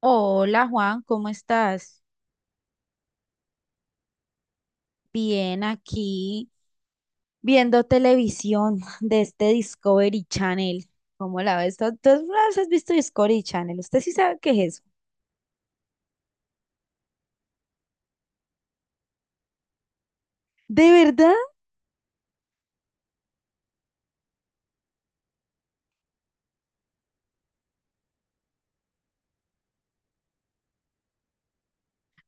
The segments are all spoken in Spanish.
Hola Juan, ¿cómo estás? Bien, aquí viendo televisión de este Discovery Channel. ¿Cómo la ves? ¿¿Tú alguna vez has visto Discovery Channel? ¿Usted sí sabe qué es eso? ¿De verdad?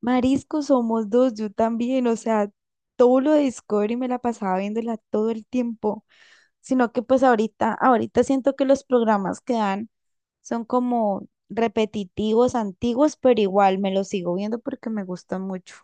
Marisco, somos dos, yo también. O sea, todo lo de Discovery me la pasaba viéndola todo el tiempo. Sino que pues ahorita siento que los programas que dan son como repetitivos, antiguos, pero igual me los sigo viendo porque me gustan mucho.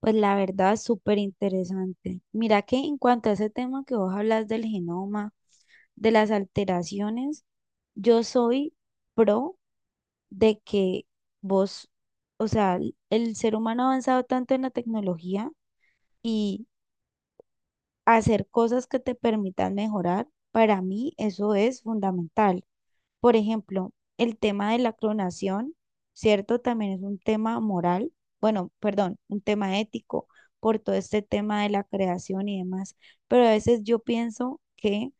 Pues la verdad, súper interesante. Mira que en cuanto a ese tema que vos hablas del genoma, de las alteraciones, yo soy pro de que vos, o sea, el ser humano ha avanzado tanto en la tecnología y hacer cosas que te permitan mejorar, para mí eso es fundamental. Por ejemplo, el tema de la clonación, ¿cierto? También es un tema moral, bueno, perdón, un tema ético por todo este tema de la creación y demás. Pero a veces yo pienso que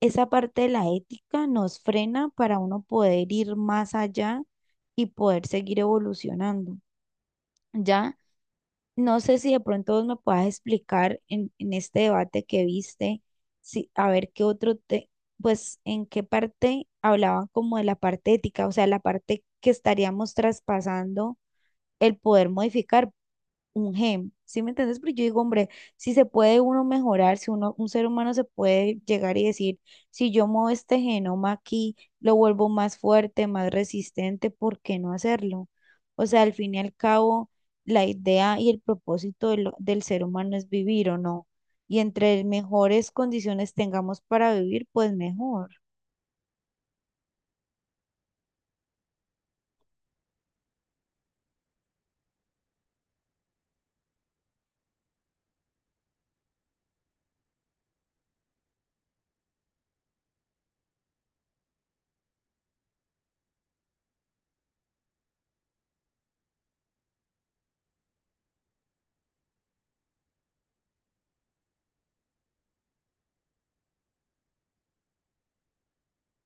esa parte de la ética nos frena para uno poder ir más allá y poder seguir evolucionando, ¿ya? No sé si de pronto vos me puedas explicar en este debate que viste, si, a ver qué otro te, pues en qué parte hablaban como de la parte ética, o sea, la parte que estaríamos traspasando el poder modificar un gem, ¿sí me entiendes? Pero yo digo, hombre, si se puede uno mejorar, si uno, un ser humano se puede llegar y decir, si yo muevo este genoma aquí, lo vuelvo más fuerte, más resistente, ¿por qué no hacerlo? O sea, al fin y al cabo, la idea y el propósito de lo- del ser humano es vivir o no. Y entre mejores condiciones tengamos para vivir, pues mejor.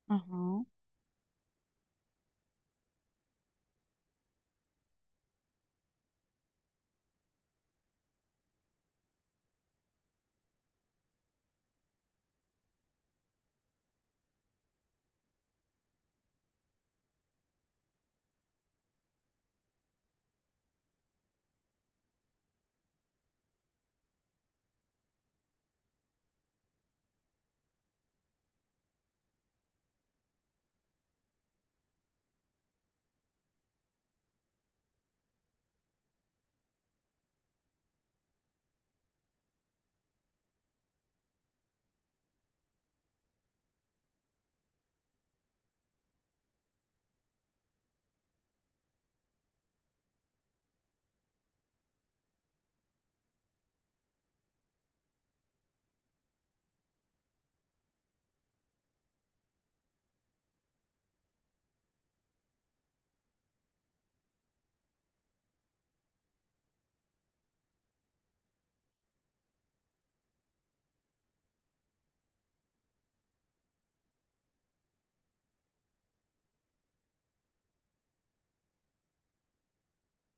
Ajá.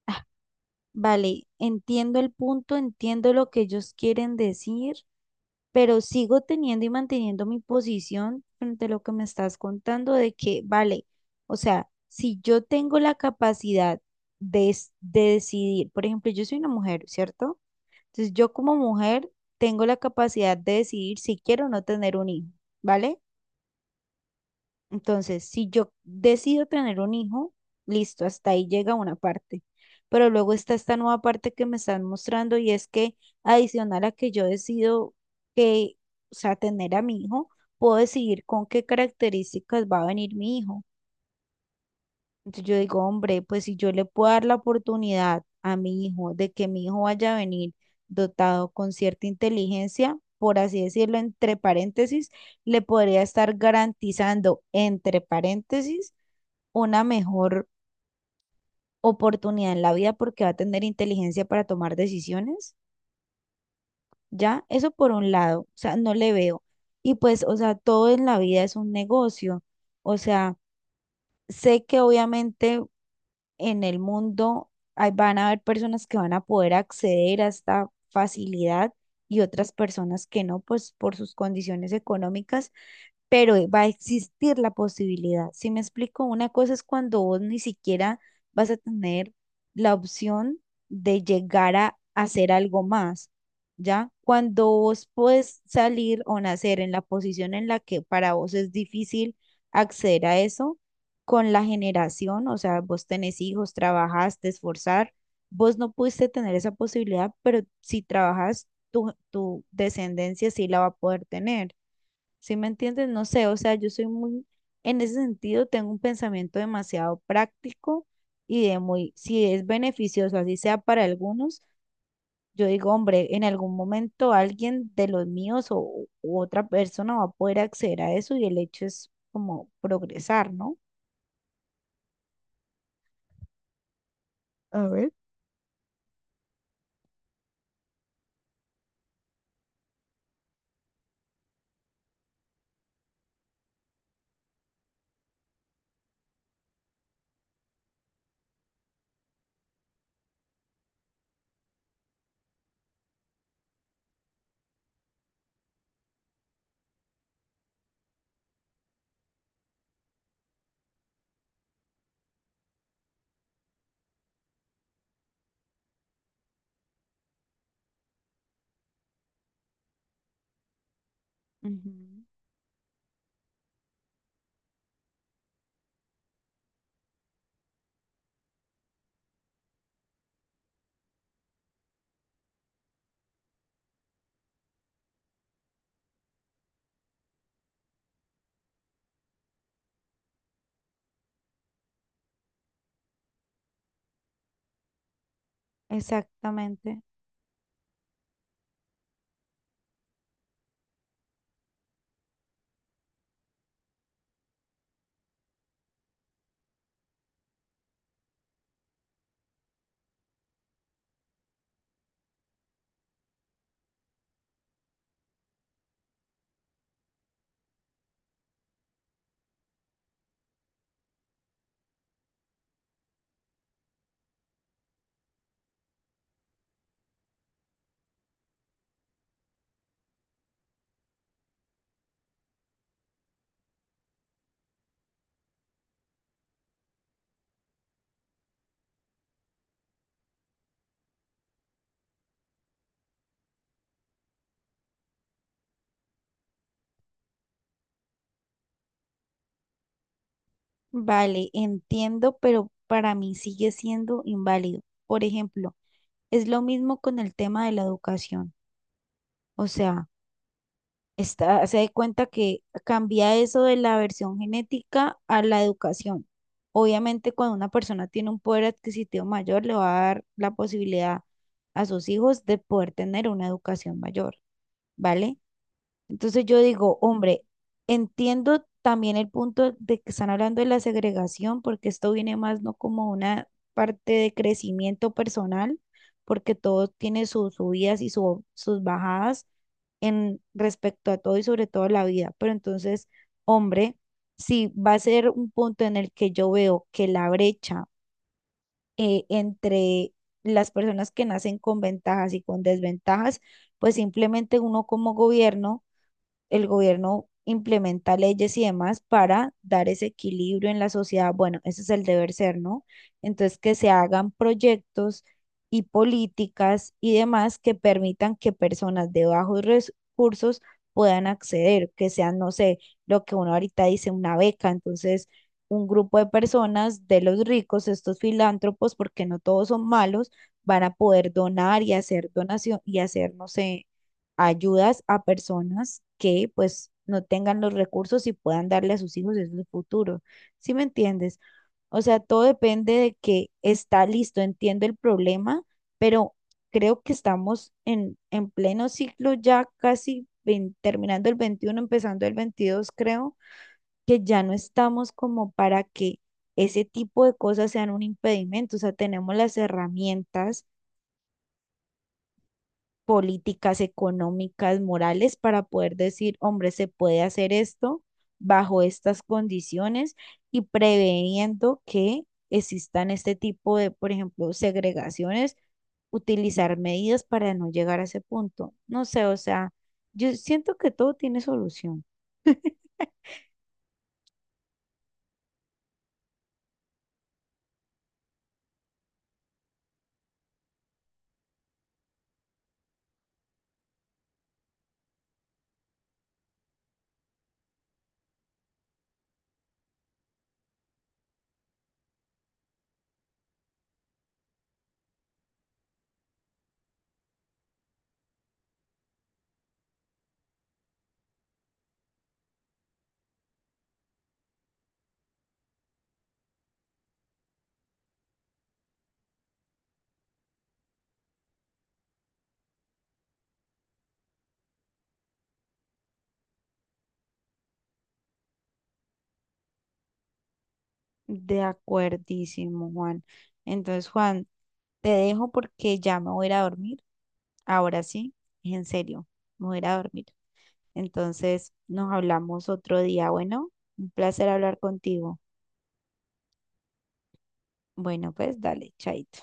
Ah, vale, entiendo el punto, entiendo lo que ellos quieren decir. Pero sigo teniendo y manteniendo mi posición frente a lo que me estás contando de que, vale, o sea, si yo tengo la capacidad de, es- de decidir, por ejemplo, yo soy una mujer, ¿cierto? Entonces yo como mujer tengo la capacidad de decidir si quiero o no tener un hijo, ¿vale? Entonces, si yo decido tener un hijo, listo, hasta ahí llega una parte. Pero luego está esta nueva parte que me están mostrando y es que adicional a que yo decido que, o sea, tener a mi hijo, puedo decidir con qué características va a venir mi hijo. Entonces yo digo, hombre, pues si yo le puedo dar la oportunidad a mi hijo de que mi hijo vaya a venir dotado con cierta inteligencia, por así decirlo, entre paréntesis, le podría estar garantizando, entre paréntesis, una mejor oportunidad en la vida porque va a tener inteligencia para tomar decisiones, ¿ya? Eso por un lado, o sea, no le veo. Y pues, o sea, todo en la vida es un negocio, o sea, sé que obviamente en el mundo hay- van a haber personas que van a poder acceder a esta facilidad y otras personas que no, pues por sus condiciones económicas, pero va a existir la posibilidad. Si me explico, una cosa es cuando vos ni siquiera vas a tener la opción de llegar a hacer algo más. ¿Ya? Cuando vos puedes salir o nacer en la posición en la que para vos es difícil acceder a eso, con la generación, o sea, vos tenés hijos, trabajás, te esforzar, vos no pudiste tener esa posibilidad, pero si trabajas, tu descendencia sí la va a poder tener. ¿Sí me entiendes? No sé, o sea, yo soy muy, en ese sentido, tengo un pensamiento demasiado práctico y de muy, si es beneficioso, así sea para algunos, yo digo, hombre, en algún momento alguien de los míos o, u otra persona va a poder acceder a eso y el hecho es como progresar, ¿no? Ujú. Exactamente. Vale, entiendo, pero para mí sigue siendo inválido. Por ejemplo, es lo mismo con el tema de la educación. O sea, está, se da cuenta que cambia eso de la versión genética a la educación. Obviamente, cuando una persona tiene un poder adquisitivo mayor, le va a dar la posibilidad a sus hijos de poder tener una educación mayor, ¿vale? Entonces yo digo, hombre, entiendo también el punto de que están hablando de la segregación, porque esto viene más no como una parte de crecimiento personal, porque todo tiene sus subidas y su- sus bajadas en respecto a todo y sobre todo a la vida. Pero entonces, hombre, si va a ser un punto en el que yo veo que la brecha entre las personas que nacen con ventajas y con desventajas, pues simplemente uno como gobierno el gobierno implementa leyes y demás para dar ese equilibrio en la sociedad. Bueno, ese es el deber ser, ¿no? Entonces, que se hagan proyectos y políticas y demás que permitan que personas de bajos recursos puedan acceder, que sean, no sé, lo que uno ahorita dice, una beca. Entonces, un grupo de personas de los ricos, estos filántropos, porque no todos son malos, van a poder donar y hacer donación y hacer, no sé, ayudas a personas que pues no tengan los recursos y puedan darle a sus hijos ese futuro. ¿Sí me entiendes? O sea, todo depende de que está listo, entiendo el problema, pero creo que estamos en pleno ciclo ya casi vein- terminando el 21, empezando el 22, creo que ya no estamos como para que ese tipo de cosas sean un impedimento, o sea, tenemos las herramientas políticas, económicas, morales, para poder decir, hombre, se puede hacer esto bajo estas condiciones y preveniendo que existan este tipo de, por ejemplo, segregaciones, utilizar medidas para no llegar a ese punto. No sé, o sea, yo siento que todo tiene solución. De acuerdísimo, Juan. Entonces, Juan, te dejo porque ya me voy a ir a dormir. Ahora sí, en serio, me voy a ir a dormir. Entonces nos hablamos otro día. Bueno, un placer hablar contigo. Bueno, pues dale, chaito.